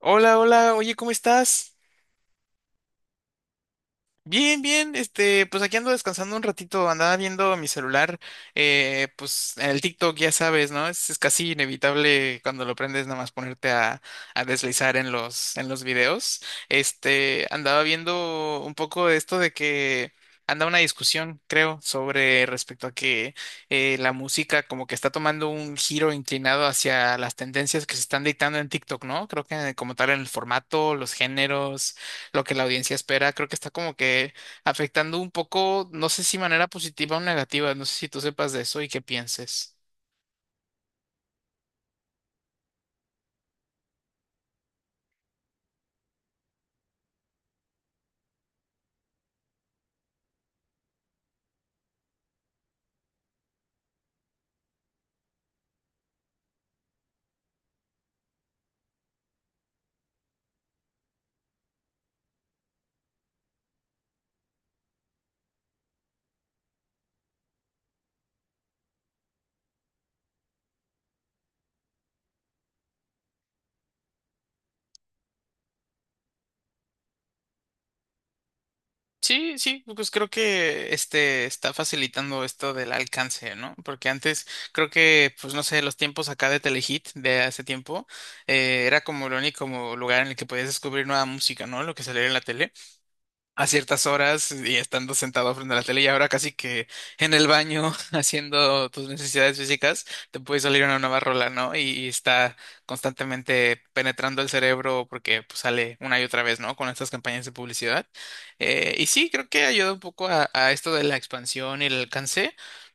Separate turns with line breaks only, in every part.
Hola, hola, oye, ¿cómo estás? Bien, bien, pues aquí ando descansando un ratito, andaba viendo mi celular, pues el TikTok, ya sabes, ¿no? Es casi inevitable cuando lo prendes nada más ponerte a, deslizar en los videos. Andaba viendo un poco de esto de que anda una discusión, creo, sobre respecto a que la música como que está tomando un giro inclinado hacia las tendencias que se están dictando en TikTok, ¿no? Creo que como tal en el formato, los géneros, lo que la audiencia espera. Creo que está como que afectando un poco, no sé si manera positiva o negativa, no sé si tú sepas de eso y qué pienses. Sí, sí, pues creo que este está facilitando esto del alcance, ¿no? Porque antes creo que, pues no sé, los tiempos acá de Telehit de hace tiempo era como el único como lugar en el que podías descubrir nueva música, ¿no? Lo que salía en la tele a ciertas horas y estando sentado frente a la tele y ahora casi que en el baño haciendo tus necesidades físicas te puede salir una nueva rola, ¿no? Y está constantemente penetrando el cerebro porque pues, sale una y otra vez, ¿no? Con estas campañas de publicidad. Y sí, creo que ayuda un poco a esto de la expansión y el alcance.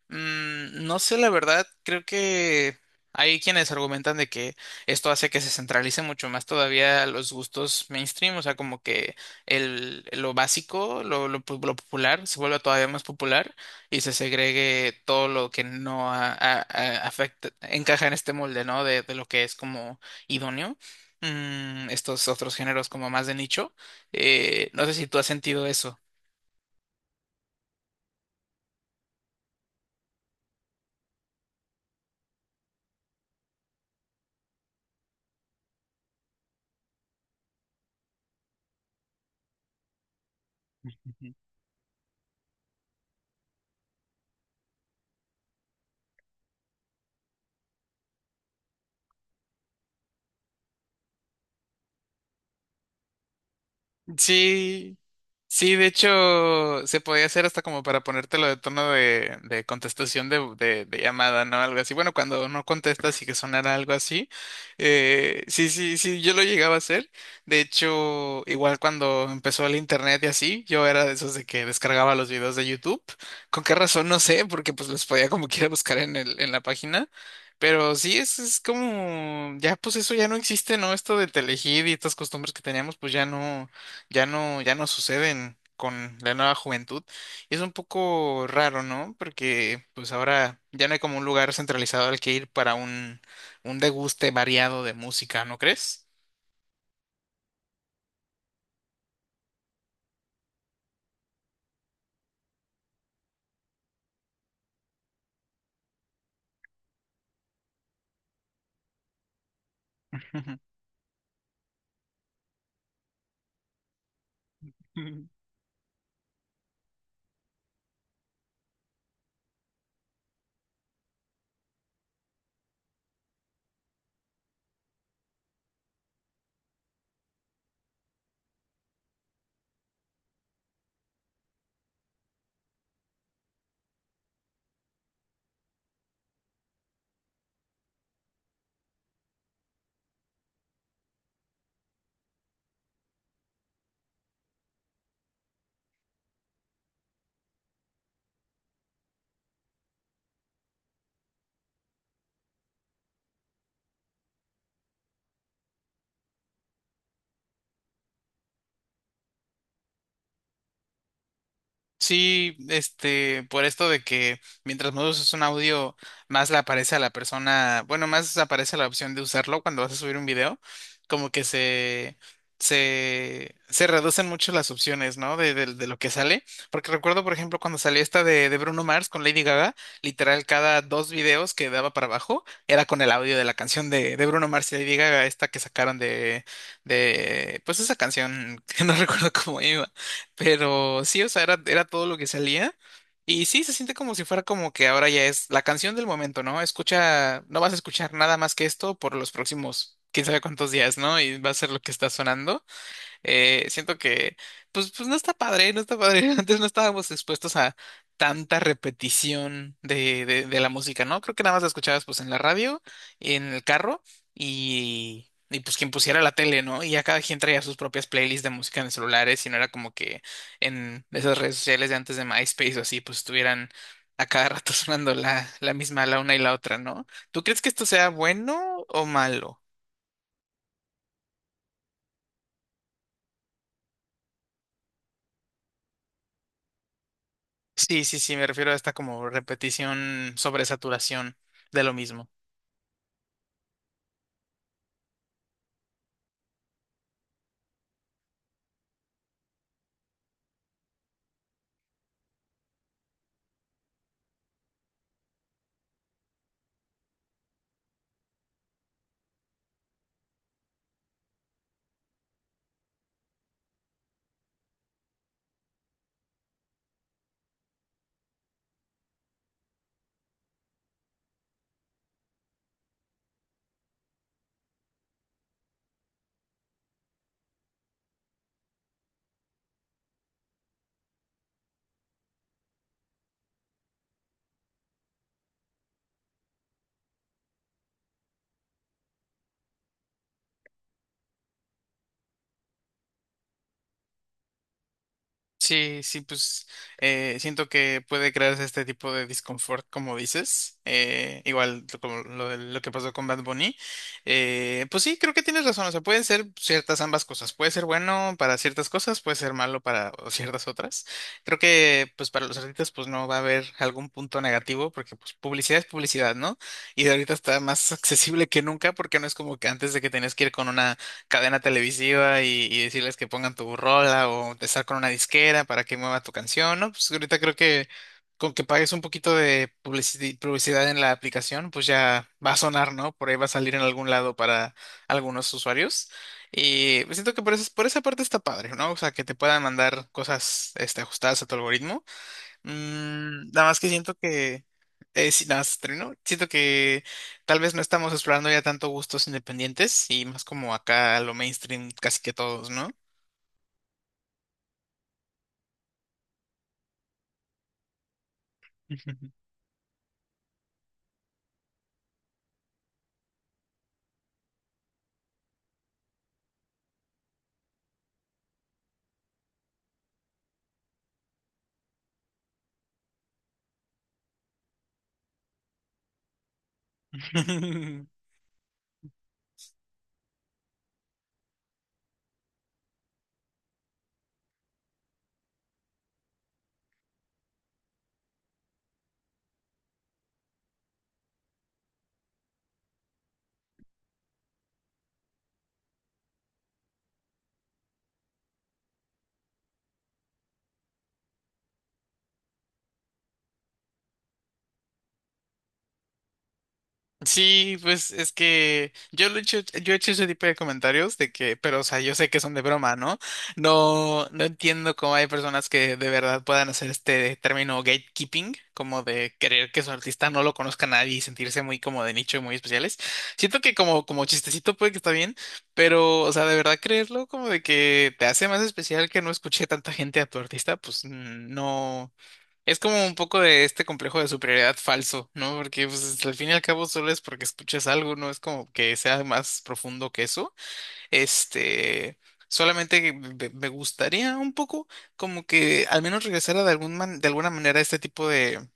No sé, la verdad, creo que. Hay quienes argumentan de que esto hace que se centralice mucho más todavía los gustos mainstream, o sea, como que lo básico, lo popular, se vuelva todavía más popular y se segregue todo lo que no encaja en este molde, ¿no? De lo que es como idóneo. Estos otros géneros como más de nicho. No sé si tú has sentido eso. Sí, sí, de hecho, se podía hacer hasta como para ponértelo de tono de contestación de, de llamada, ¿no? Algo así. Bueno, cuando no contestas y que sonara algo así. Sí, sí, sí, yo lo llegaba a hacer. De hecho, igual cuando empezó el internet y así, yo era de esos de que descargaba los videos de YouTube. ¿Con qué razón? No sé, porque pues los podía como quiera buscar en la página. Pero sí, es como, ya pues eso ya no existe, ¿no? Esto de Telehit y estas costumbres que teníamos, pues ya no, ya no suceden con la nueva juventud. Y es un poco raro, ¿no? Porque pues ahora ya no hay como un lugar centralizado al que ir para un deguste variado de música, ¿no crees? Sí, por esto de que mientras más usas un audio, más le aparece a la persona, bueno, más aparece la opción de usarlo cuando vas a subir un video, como que se, se reducen mucho las opciones, ¿no? De lo que sale, porque recuerdo, por ejemplo, cuando salió esta de Bruno Mars con Lady Gaga, literal, cada dos videos que daba para abajo era con el audio de la canción de Bruno Mars y Lady Gaga, esta que sacaron de, pues esa canción que no recuerdo cómo iba. Pero sí, o sea, era todo lo que salía. Y sí, se siente como si fuera como que ahora ya es la canción del momento, ¿no? Escucha, no vas a escuchar nada más que esto por los próximos quién sabe cuántos días, ¿no? Y va a ser lo que está sonando. Siento que, pues no está padre, no está padre. Antes no estábamos expuestos a tanta repetición de, de la música, ¿no? Creo que nada más la escuchabas pues en la radio, en el carro y pues quien pusiera la tele, ¿no? Y ya cada quien traía sus propias playlists de música en celulares y no era como que en esas redes sociales de antes de MySpace o así, pues estuvieran a cada rato sonando la misma, la una y la otra, ¿no? ¿Tú crees que esto sea bueno o malo? Sí, sí, sí, me refiero a esta como repetición sobre saturación de lo mismo. Sí, sí, pues siento que puede crearse este tipo de disconfort, como dices, igual lo que pasó con Bad Bunny, pues sí, creo que tienes razón, o sea, pueden ser ciertas ambas cosas, puede ser bueno para ciertas cosas, puede ser malo para o ciertas otras, creo que pues para los artistas pues no va a haber algún punto negativo, porque pues publicidad es publicidad, ¿no? Y de ahorita está más accesible que nunca, porque no es como que antes de que tenías que ir con una cadena televisiva y decirles que pongan tu rola o estar con una disquera para que mueva tu canción, ¿no? Pues ahorita creo que con que pagues un poquito de publicidad en la aplicación, pues ya va a sonar, ¿no? Por ahí va a salir en algún lado para algunos usuarios. Y siento que por esa parte está padre, ¿no? O sea, que te puedan mandar cosas, ajustadas a tu algoritmo. Nada más que siento que, sí, nada más termino. Siento que tal vez no estamos explorando ya tanto gustos independientes y más como acá a lo mainstream casi que todos, ¿no? Sí, pues es que yo lo he hecho, yo he hecho ese tipo de comentarios de que, pero o sea, yo sé que son de broma, ¿no? No, no entiendo cómo hay personas que de verdad puedan hacer este término gatekeeping, como de querer que su artista no lo conozca nadie y sentirse muy como de nicho y muy especiales. Siento que como chistecito puede que está bien, pero, o sea, de verdad creerlo como de que te hace más especial que no escuche tanta gente a tu artista, pues mm, no. Es como un poco de este complejo de superioridad falso, ¿no? Porque pues, al fin y al cabo solo es porque escuchas algo, no es como que sea más profundo que eso. Este, solamente que me gustaría un poco como que al menos regresara de de alguna manera a este tipo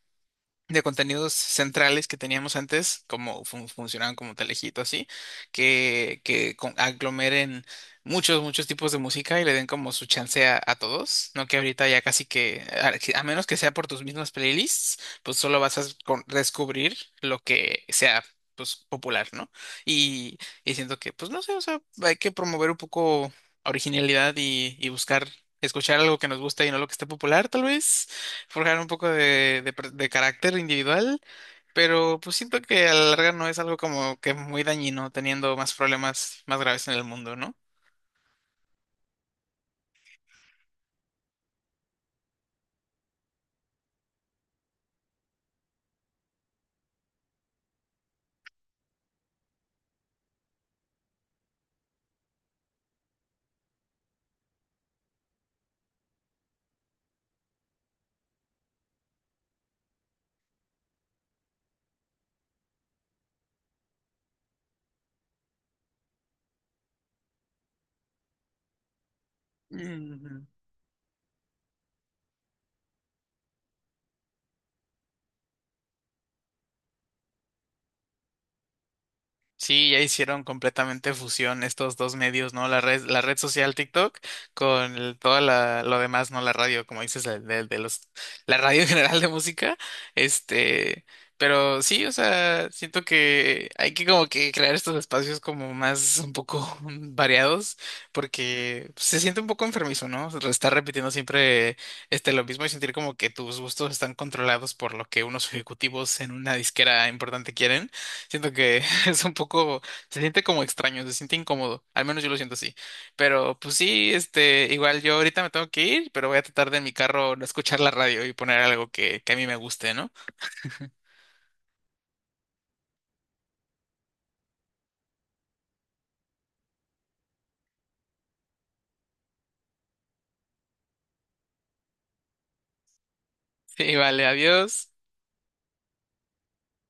de contenidos centrales que teníamos antes, como funcionaban como Telejito, así, que aglomeren muchos, muchos tipos de música y le den como su chance a todos, ¿no? Que ahorita ya casi que, a menos que sea por tus mismas playlists, pues solo vas a descubrir lo que sea, pues popular, ¿no? Y, y siento que, pues no sé, o sea, hay que promover un poco originalidad y buscar escuchar algo que nos gusta y no lo que esté popular, tal vez forjar un poco de, de carácter individual, pero pues siento que a la larga no es algo como que muy dañino, teniendo más problemas más graves en el mundo, ¿no? Ujú. Sí, ya hicieron completamente fusión estos dos medios, ¿no? La red social TikTok con lo demás, ¿no? La radio, como dices, la radio en general de música. Este, pero sí, o sea, siento que hay que como que crear estos espacios como más un poco variados, porque se siente un poco enfermizo, ¿no? Estar repitiendo siempre lo mismo y sentir como que tus gustos están controlados por lo que unos ejecutivos en una disquera importante quieren. Siento que es un poco, se siente como extraño, se siente incómodo, al menos yo lo siento así. Pero pues sí, igual yo ahorita me tengo que ir, pero voy a tratar de en mi carro no escuchar la radio y poner algo que a mí me guste, ¿no? Sí, vale, adiós.